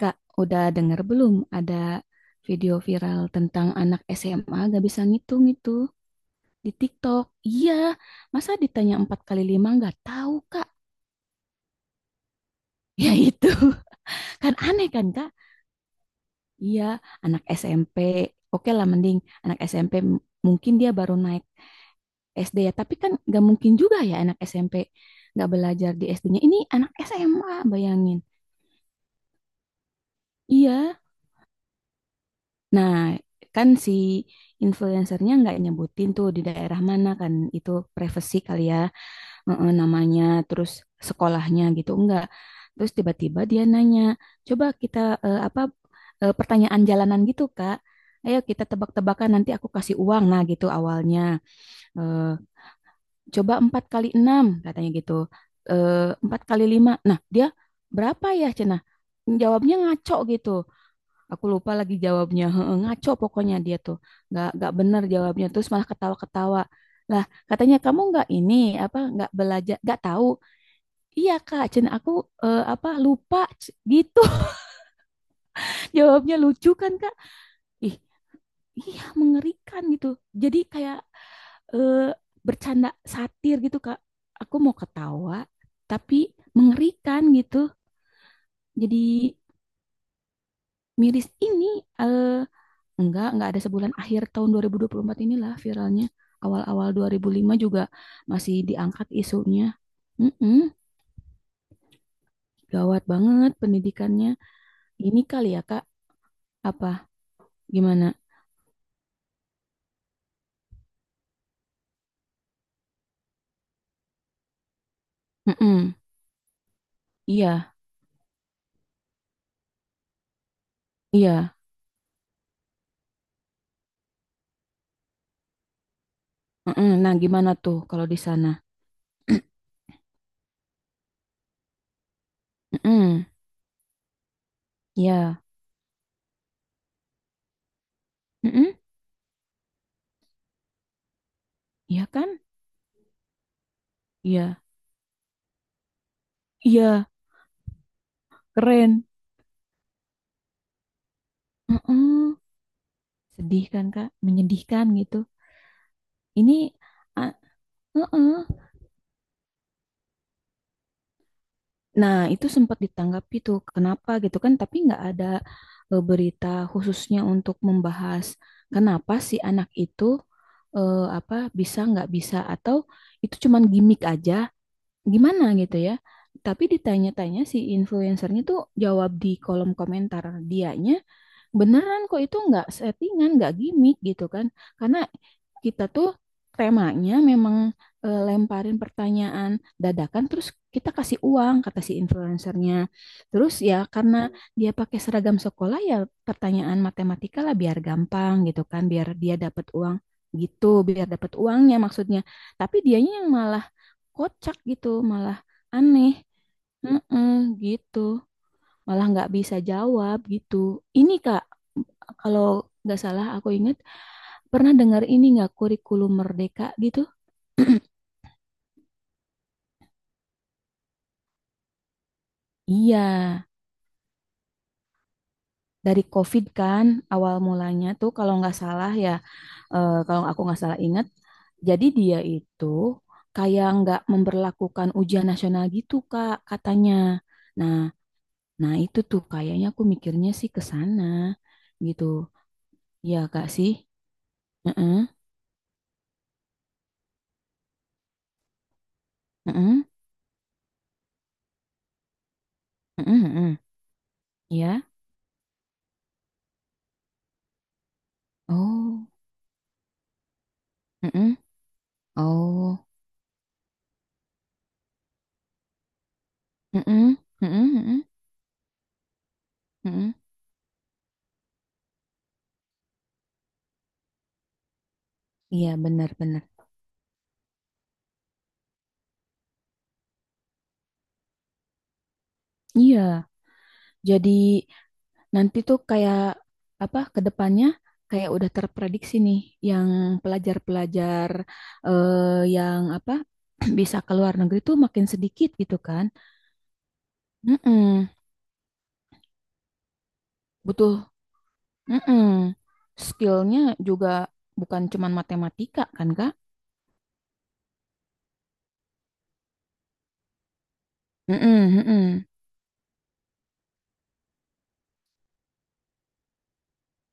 Kak, udah denger belum ada video viral tentang anak SMA gak bisa ngitung itu di TikTok? Iya, masa ditanya empat kali lima nggak tahu Kak? Ya itu, kan aneh kan Kak? Iya, anak SMP, oke lah mending anak SMP m- P m- mungkin dia baru naik SD ya, tapi kan nggak mungkin juga ya anak SMP nggak belajar di SD-nya. Ini anak SMA, bayangin. Iya, nah, kan si influencernya nggak nyebutin tuh di daerah mana kan itu privacy kali ya, namanya terus sekolahnya gitu enggak. Terus tiba-tiba dia nanya, coba kita apa pertanyaan jalanan gitu Kak. Ayo kita tebak-tebakan nanti aku kasih uang nah gitu awalnya. Eh, Coba empat kali enam katanya gitu. Eh, Empat kali lima. Nah dia berapa ya Cenah? Jawabnya ngaco gitu. Aku lupa lagi jawabnya. Heeh, ngaco pokoknya dia tuh. Nggak benar jawabnya. Terus malah ketawa-ketawa. Lah, katanya kamu nggak ini apa nggak belajar, nggak tahu. Iya, Kak, Cen aku apa lupa C- gitu. Jawabnya lucu kan, Kak? Ih, iya mengerikan gitu. Jadi kayak eh, bercanda satir gitu, Kak. Aku mau ketawa tapi mengerikan gitu. Jadi miris ini eh enggak ada sebulan akhir tahun 2024 inilah viralnya. Awal-awal 2005 juga masih diangkat isunya. Mm-mm, gawat banget pendidikannya. Ini kali ya, Kak, apa gimana? Mm-mm, iya, iya. Mm-mm, nah, gimana tuh kalau di sana? Mm-mm, iya. Mm-mm, iya kan? Iya. Iya, keren. Mm-mm. Sedih kan, Kak? Menyedihkan gitu. Ini ah, mm-mm. Nah, itu sempat ditanggapi tuh, kenapa gitu kan? Tapi nggak ada berita khususnya untuk membahas kenapa si anak itu apa bisa nggak bisa atau itu cuman gimmick aja, gimana gitu ya? Tapi ditanya-tanya si influencernya tuh jawab di kolom komentar dianya beneran kok itu nggak settingan, nggak gimmick gitu kan. Karena kita tuh temanya memang lemparin pertanyaan dadakan terus kita kasih uang kata si influencernya. Terus ya karena dia pakai seragam sekolah ya pertanyaan matematika lah biar gampang gitu kan, biar dia dapat uang gitu, biar dapat uangnya maksudnya. Tapi dianya yang malah kocak gitu, malah aneh. Mm-mm, gitu malah nggak bisa jawab gitu. Ini Kak, kalau nggak salah aku ingat pernah dengar ini nggak kurikulum merdeka gitu? Iya, dari COVID kan awal mulanya tuh kalau nggak salah ya, kalau aku nggak salah ingat, jadi dia itu kayak nggak memberlakukan ujian nasional gitu Kak katanya. Nah, nah itu tuh kayaknya aku mikirnya sih ke sana gitu. Ya Kak sih. Heeh, heeh, heeh, heeh. Iya. Oh. Mm-mm. Oh, mm-mm. Mm-mm. Mm-mm. Mm-mm. Iya, benar-benar. Iya, jadi nanti tuh kayak apa ke depannya kayak udah terprediksi nih yang pelajar-pelajar eh, yang apa bisa ke luar negeri tuh makin sedikit gitu kan. Mm-mm. Butuh mm-mm. Skillnya juga bukan cuman matematika kan, Kak? Mm-mm. Mm-mm.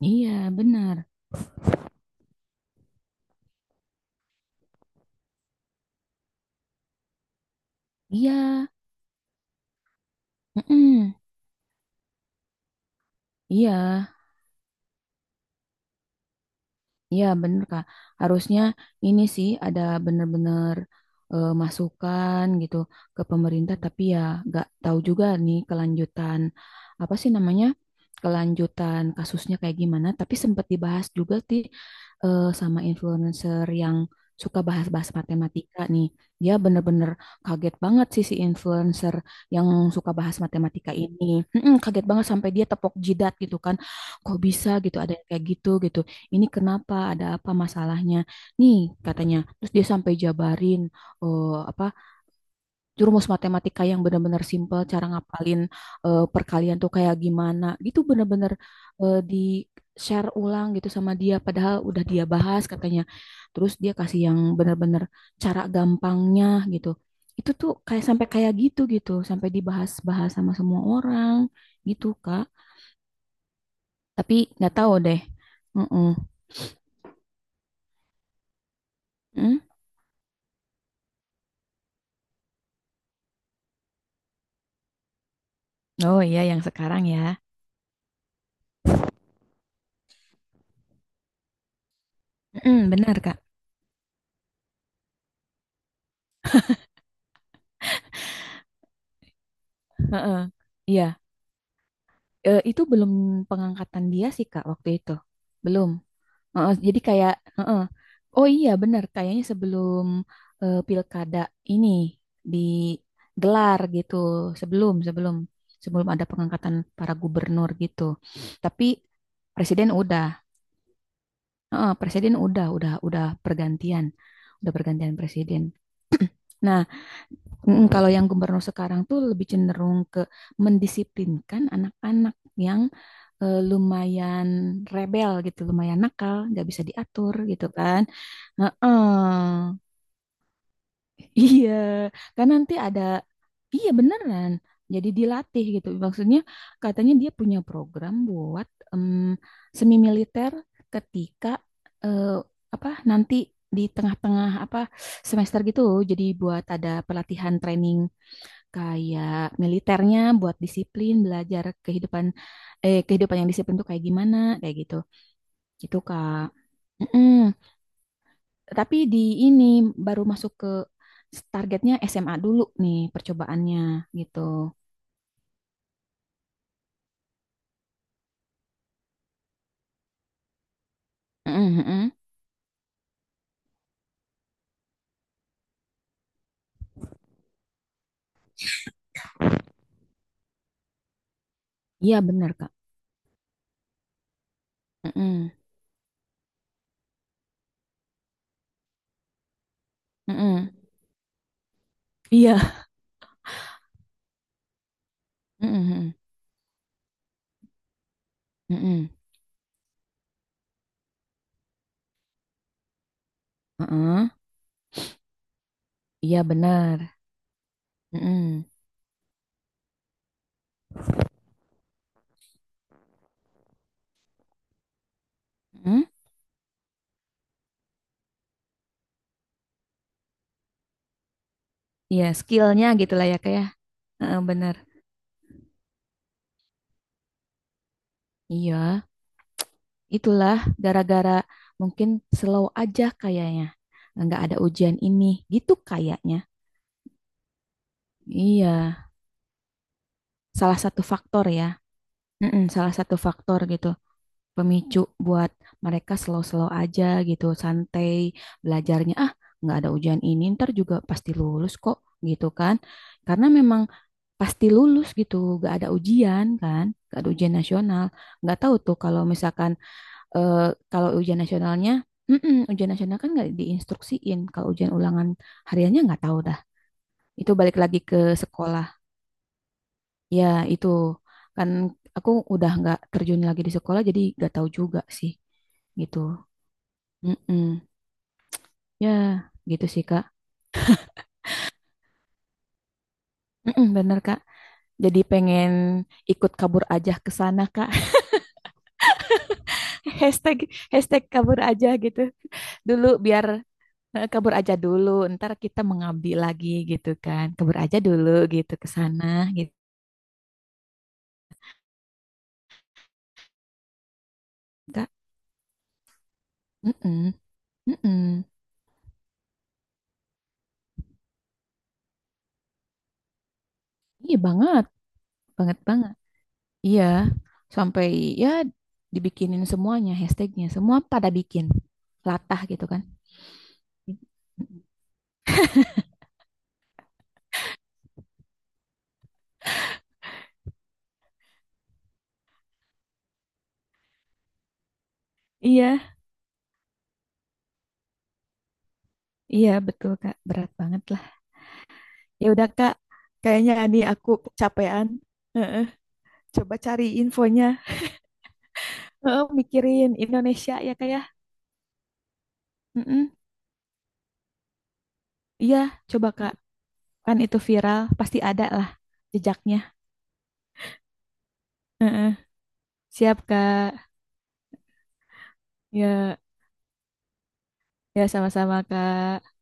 Iya, benar. Iya. Mm-mm. Iya. Iya bener Kak, harusnya ini sih ada bener-bener masukan gitu ke pemerintah tapi ya nggak tahu juga nih kelanjutan apa sih namanya kelanjutan kasusnya kayak gimana tapi sempat dibahas juga sih sama influencer yang suka bahas-bahas matematika nih dia bener-bener kaget banget sih si influencer yang suka bahas matematika ini. Mm-mm, kaget banget sampai dia tepok jidat gitu kan kok bisa gitu ada yang kayak gitu gitu ini kenapa ada apa masalahnya nih katanya terus dia sampai jabarin eh, apa jurumus matematika yang benar-benar simpel cara ngapalin perkalian tuh kayak gimana gitu benar-benar di share ulang gitu sama dia padahal udah dia bahas katanya terus dia kasih yang benar-benar cara gampangnya gitu itu tuh kayak sampai kayak gitu gitu sampai dibahas-bahas sama semua orang gitu Kak tapi nggak tahu deh. Mm-mm. Mm? Oh iya yang sekarang ya. Mm-mm, benar, Kak. Heeh. Iya, eh, itu belum pengangkatan dia sih Kak waktu itu. Belum. Heeh, jadi kayak heeh. Oh iya benar, kayaknya sebelum pilkada ini digelar gitu. Sebelum sebelum sebelum ada pengangkatan para gubernur gitu. Tapi presiden udah. Heeh, presiden udah pergantian. Udah pergantian presiden. Nah, mm, kalau yang gubernur sekarang tuh lebih cenderung ke mendisiplinkan anak-anak yang lumayan rebel gitu, lumayan nakal, nggak bisa diatur gitu kan. Heeh. Iya, kan nanti ada, iya beneran. Jadi dilatih gitu. Maksudnya katanya dia punya program buat em, semi militer ketika eh, apa nanti di tengah-tengah apa semester gitu. Jadi buat ada pelatihan training kayak militernya buat disiplin, belajar kehidupan kehidupan yang disiplin tuh kayak gimana, kayak gitu. Gitu, Kak. Mm-mm. Tapi di ini baru masuk ke targetnya SMA dulu nih percobaannya gitu. Mm-mm, mm-mm. Iya, bener, Kak. Mm-mm, mm-mm. Iya. Mm-mm, mm-mm, mm-mm. Mm-mm. Iya, bener. Mm-mm, mm-mm. Iya, skillnya gitu lah ya, Kak ya. Heeh, bener. Iya. Itulah gara-gara mungkin slow aja kayaknya. Nggak ada ujian ini, gitu kayaknya. Iya, salah satu faktor ya. Mm-mm, salah satu faktor gitu. Pemicu buat mereka slow-slow aja gitu, santai belajarnya. Ah, nggak ada ujian ini, ntar juga pasti lulus kok gitu kan. Karena memang pasti lulus gitu, nggak ada ujian kan. Nggak ada ujian nasional. Nggak tahu tuh kalau misalkan eh, kalau ujian nasionalnya, mm-mm, ujian nasional kan nggak diinstruksiin. Kalau ujian ulangan hariannya nggak tahu dah. Itu balik lagi ke sekolah. Ya itu kan aku udah nggak terjun lagi di sekolah, jadi nggak tahu juga sih gitu. Mm-mm. Ya gitu sih Kak. Mm-mm, bener Kak. Jadi pengen ikut kabur aja ke sana Kak. Hashtag hashtag kabur aja gitu dulu biar eh, kabur aja dulu, ntar kita mengabdi lagi gitu kan. Kabur aja dulu gitu ke sana gitu, Kak. Mm-mm, mm-mm. Iya banget, banget banget. Iya, sampai ya dibikinin semuanya hashtagnya, semua pada bikin latah gitu kan. Iya, iya betul Kak, berat banget lah. Ya udah Kak, kayaknya ini aku kecapean. Heeh, coba cari infonya. Heeh, mikirin Indonesia ya Kak ya. Mm-mm. Iya, coba Kak, kan itu viral, pasti ada lah jejaknya. Heeh. Siap, Kak. Ya, ya sama-sama, Kak.